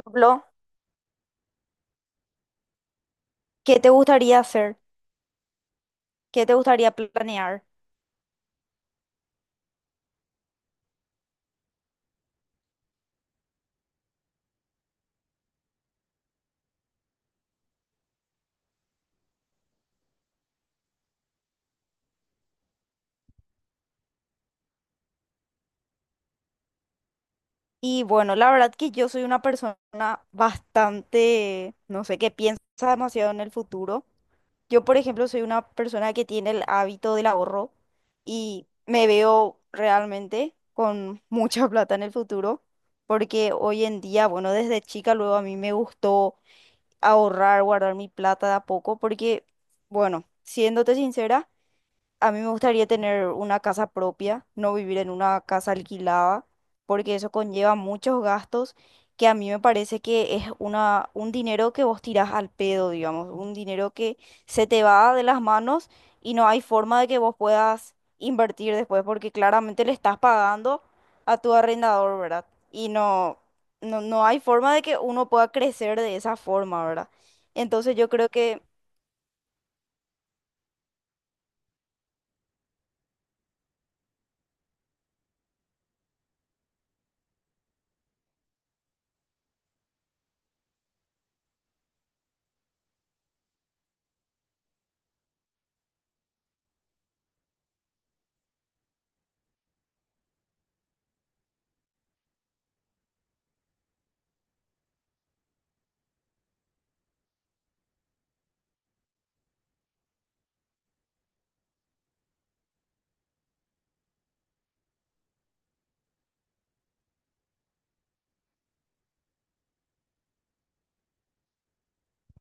Ejemplo, ¿qué te gustaría hacer? ¿Qué te gustaría planear? Y bueno, la verdad que yo soy una persona bastante, no sé, que piensa demasiado en el futuro. Yo, por ejemplo, soy una persona que tiene el hábito del ahorro y me veo realmente con mucha plata en el futuro, porque hoy en día, bueno, desde chica luego a mí me gustó ahorrar, guardar mi plata de a poco, porque, bueno, siéndote sincera, a mí me gustaría tener una casa propia, no vivir en una casa alquilada, porque eso conlleva muchos gastos que a mí me parece que es un dinero que vos tirás al pedo, digamos, un dinero que se te va de las manos y no hay forma de que vos puedas invertir después, porque claramente le estás pagando a tu arrendador, ¿verdad? Y no hay forma de que uno pueda crecer de esa forma, ¿verdad? Entonces yo creo que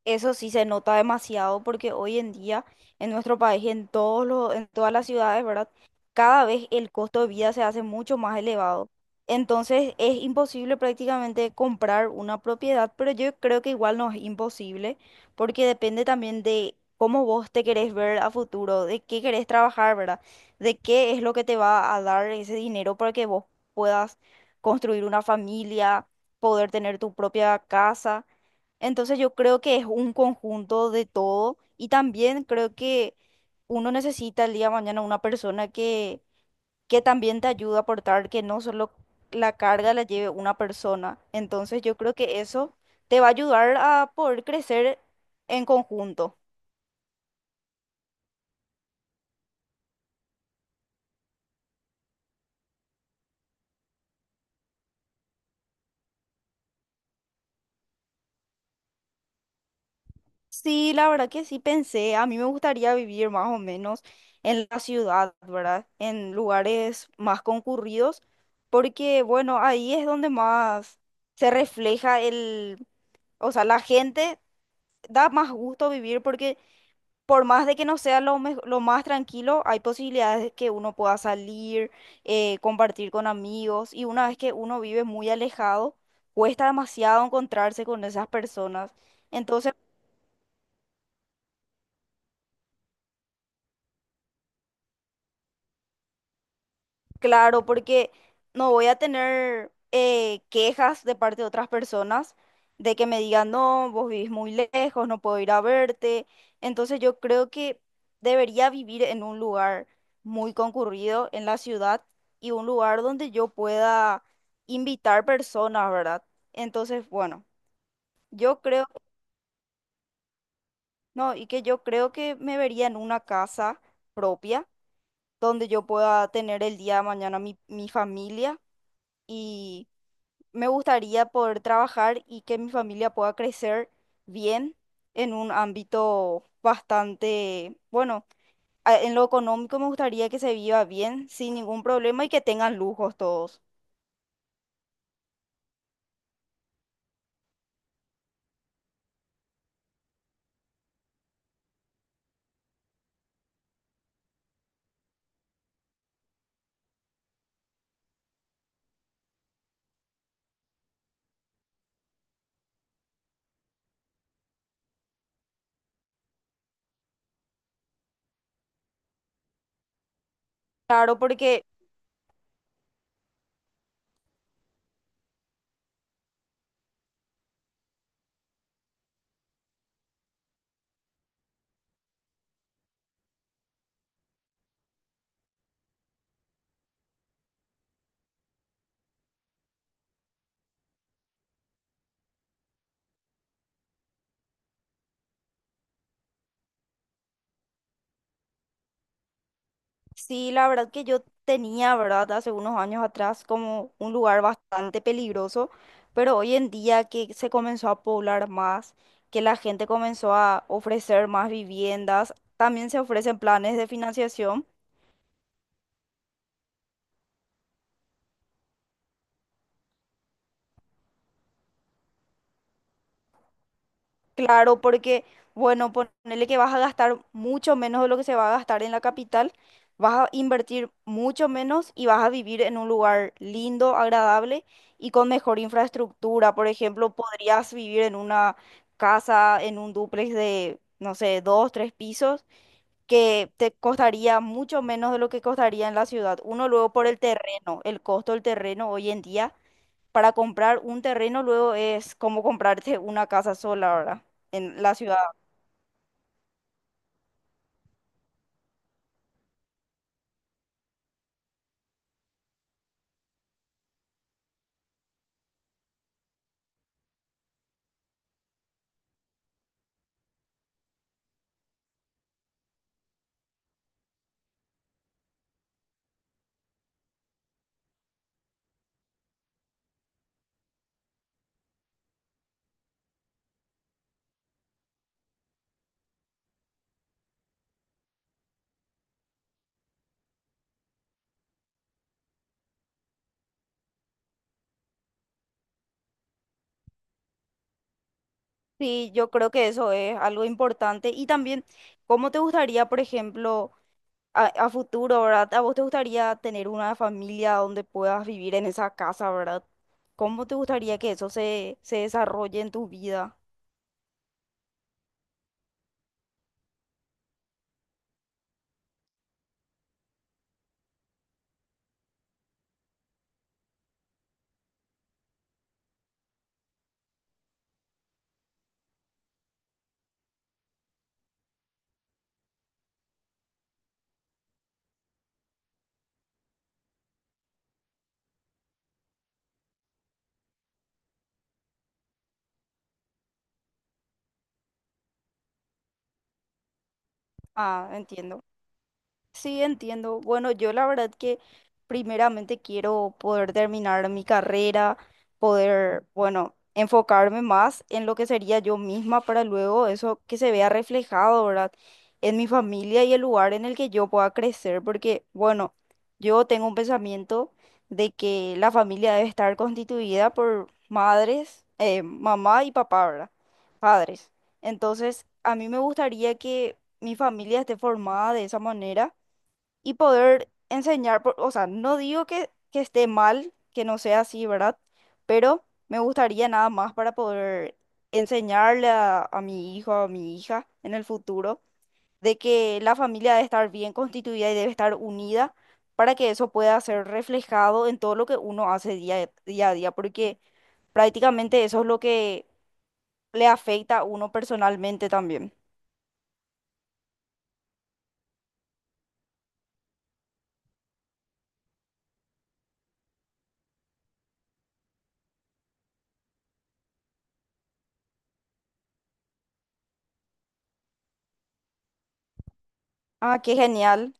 eso sí se nota demasiado porque hoy en día en nuestro país, en en todas las ciudades, ¿verdad? Cada vez el costo de vida se hace mucho más elevado. Entonces es imposible prácticamente comprar una propiedad, pero yo creo que igual no es imposible porque depende también de cómo vos te querés ver a futuro, de qué querés trabajar, ¿verdad? De qué es lo que te va a dar ese dinero para que vos puedas construir una familia, poder tener tu propia casa. Entonces yo creo que es un conjunto de todo y también creo que uno necesita el día de mañana una persona que también te ayude a aportar, que no solo la carga la lleve una persona. Entonces yo creo que eso te va a ayudar a poder crecer en conjunto. Sí, la verdad que sí pensé, a mí me gustaría vivir más o menos en la ciudad, ¿verdad? En lugares más concurridos, porque bueno, ahí es donde más se refleja el, o sea, la gente da más gusto vivir porque por más de que no sea lo más tranquilo, hay posibilidades de que uno pueda salir, compartir con amigos y una vez que uno vive muy alejado, cuesta demasiado encontrarse con esas personas. Entonces, claro, porque no voy a tener quejas de parte de otras personas de que me digan, no, vos vivís muy lejos, no puedo ir a verte. Entonces yo creo que debería vivir en un lugar muy concurrido en la ciudad y un lugar donde yo pueda invitar personas, ¿verdad? Entonces, bueno, yo no, y que yo creo que me vería en una casa propia donde yo pueda tener el día de mañana mi familia. Me gustaría poder trabajar y que mi familia pueda crecer bien en un ámbito bastante, bueno, a- en lo económico me gustaría que se viva bien, sin ningún problema y que tengan lujos todos. Claro, porque sí, la verdad que yo tenía, ¿verdad? Hace unos años atrás como un lugar bastante peligroso, pero hoy en día que se comenzó a poblar más, que la gente comenzó a ofrecer más viviendas, también se ofrecen planes de financiación. Claro, porque, bueno, ponerle que vas a gastar mucho menos de lo que se va a gastar en la capital, vas a invertir mucho menos y vas a vivir en un lugar lindo, agradable y con mejor infraestructura. Por ejemplo, podrías vivir en una casa, en un dúplex de, no sé, dos, tres pisos, que te costaría mucho menos de lo que costaría en la ciudad. Uno, luego por el terreno, el costo del terreno hoy en día para comprar un terreno luego es como comprarte una casa sola, ¿verdad? En la ciudad. Sí, yo creo que eso es algo importante. Y también, ¿cómo te gustaría, por ejemplo, a futuro, ¿verdad? ¿A vos te gustaría tener una familia donde puedas vivir en esa casa, ¿verdad? ¿Cómo te gustaría que eso se desarrolle en tu vida? Ah, entiendo. Sí, entiendo. Bueno, yo la verdad que primeramente quiero poder terminar mi carrera, poder, bueno, enfocarme más en lo que sería yo misma para luego eso que se vea reflejado, ¿verdad? En mi familia y el lugar en el que yo pueda crecer, porque, bueno, yo tengo un pensamiento de que la familia debe estar constituida por madres, mamá y papá, ¿verdad? Padres. Entonces, a mí me gustaría que mi familia esté formada de esa manera y poder enseñar, por- o sea, no digo que esté mal, que no sea así, ¿verdad? Pero me gustaría nada más para poder enseñarle a mi hijo, a mi hija en el futuro, de que la familia debe estar bien constituida y debe estar unida para que eso pueda ser reflejado en todo lo que uno hace día a día, porque prácticamente eso es lo que le afecta a uno personalmente también. Ah, qué genial.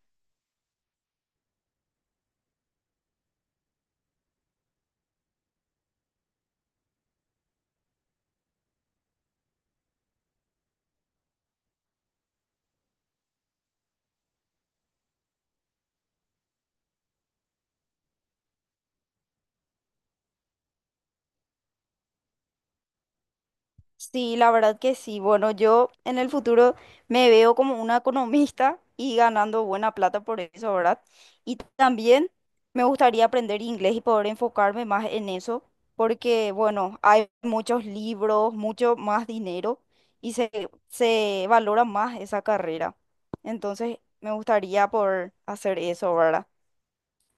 Sí, la verdad que sí. Bueno, yo en el futuro me veo como una economista y ganando buena plata por eso, ¿verdad? Y también me gustaría aprender inglés y poder enfocarme más en eso, porque, bueno, hay muchos libros, mucho más dinero y se valora más esa carrera. Entonces, me gustaría poder hacer eso, ¿verdad?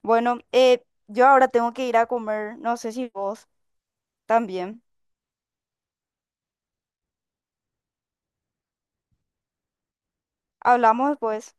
Bueno, yo ahora tengo que ir a comer, no sé si vos también. Hablamos después.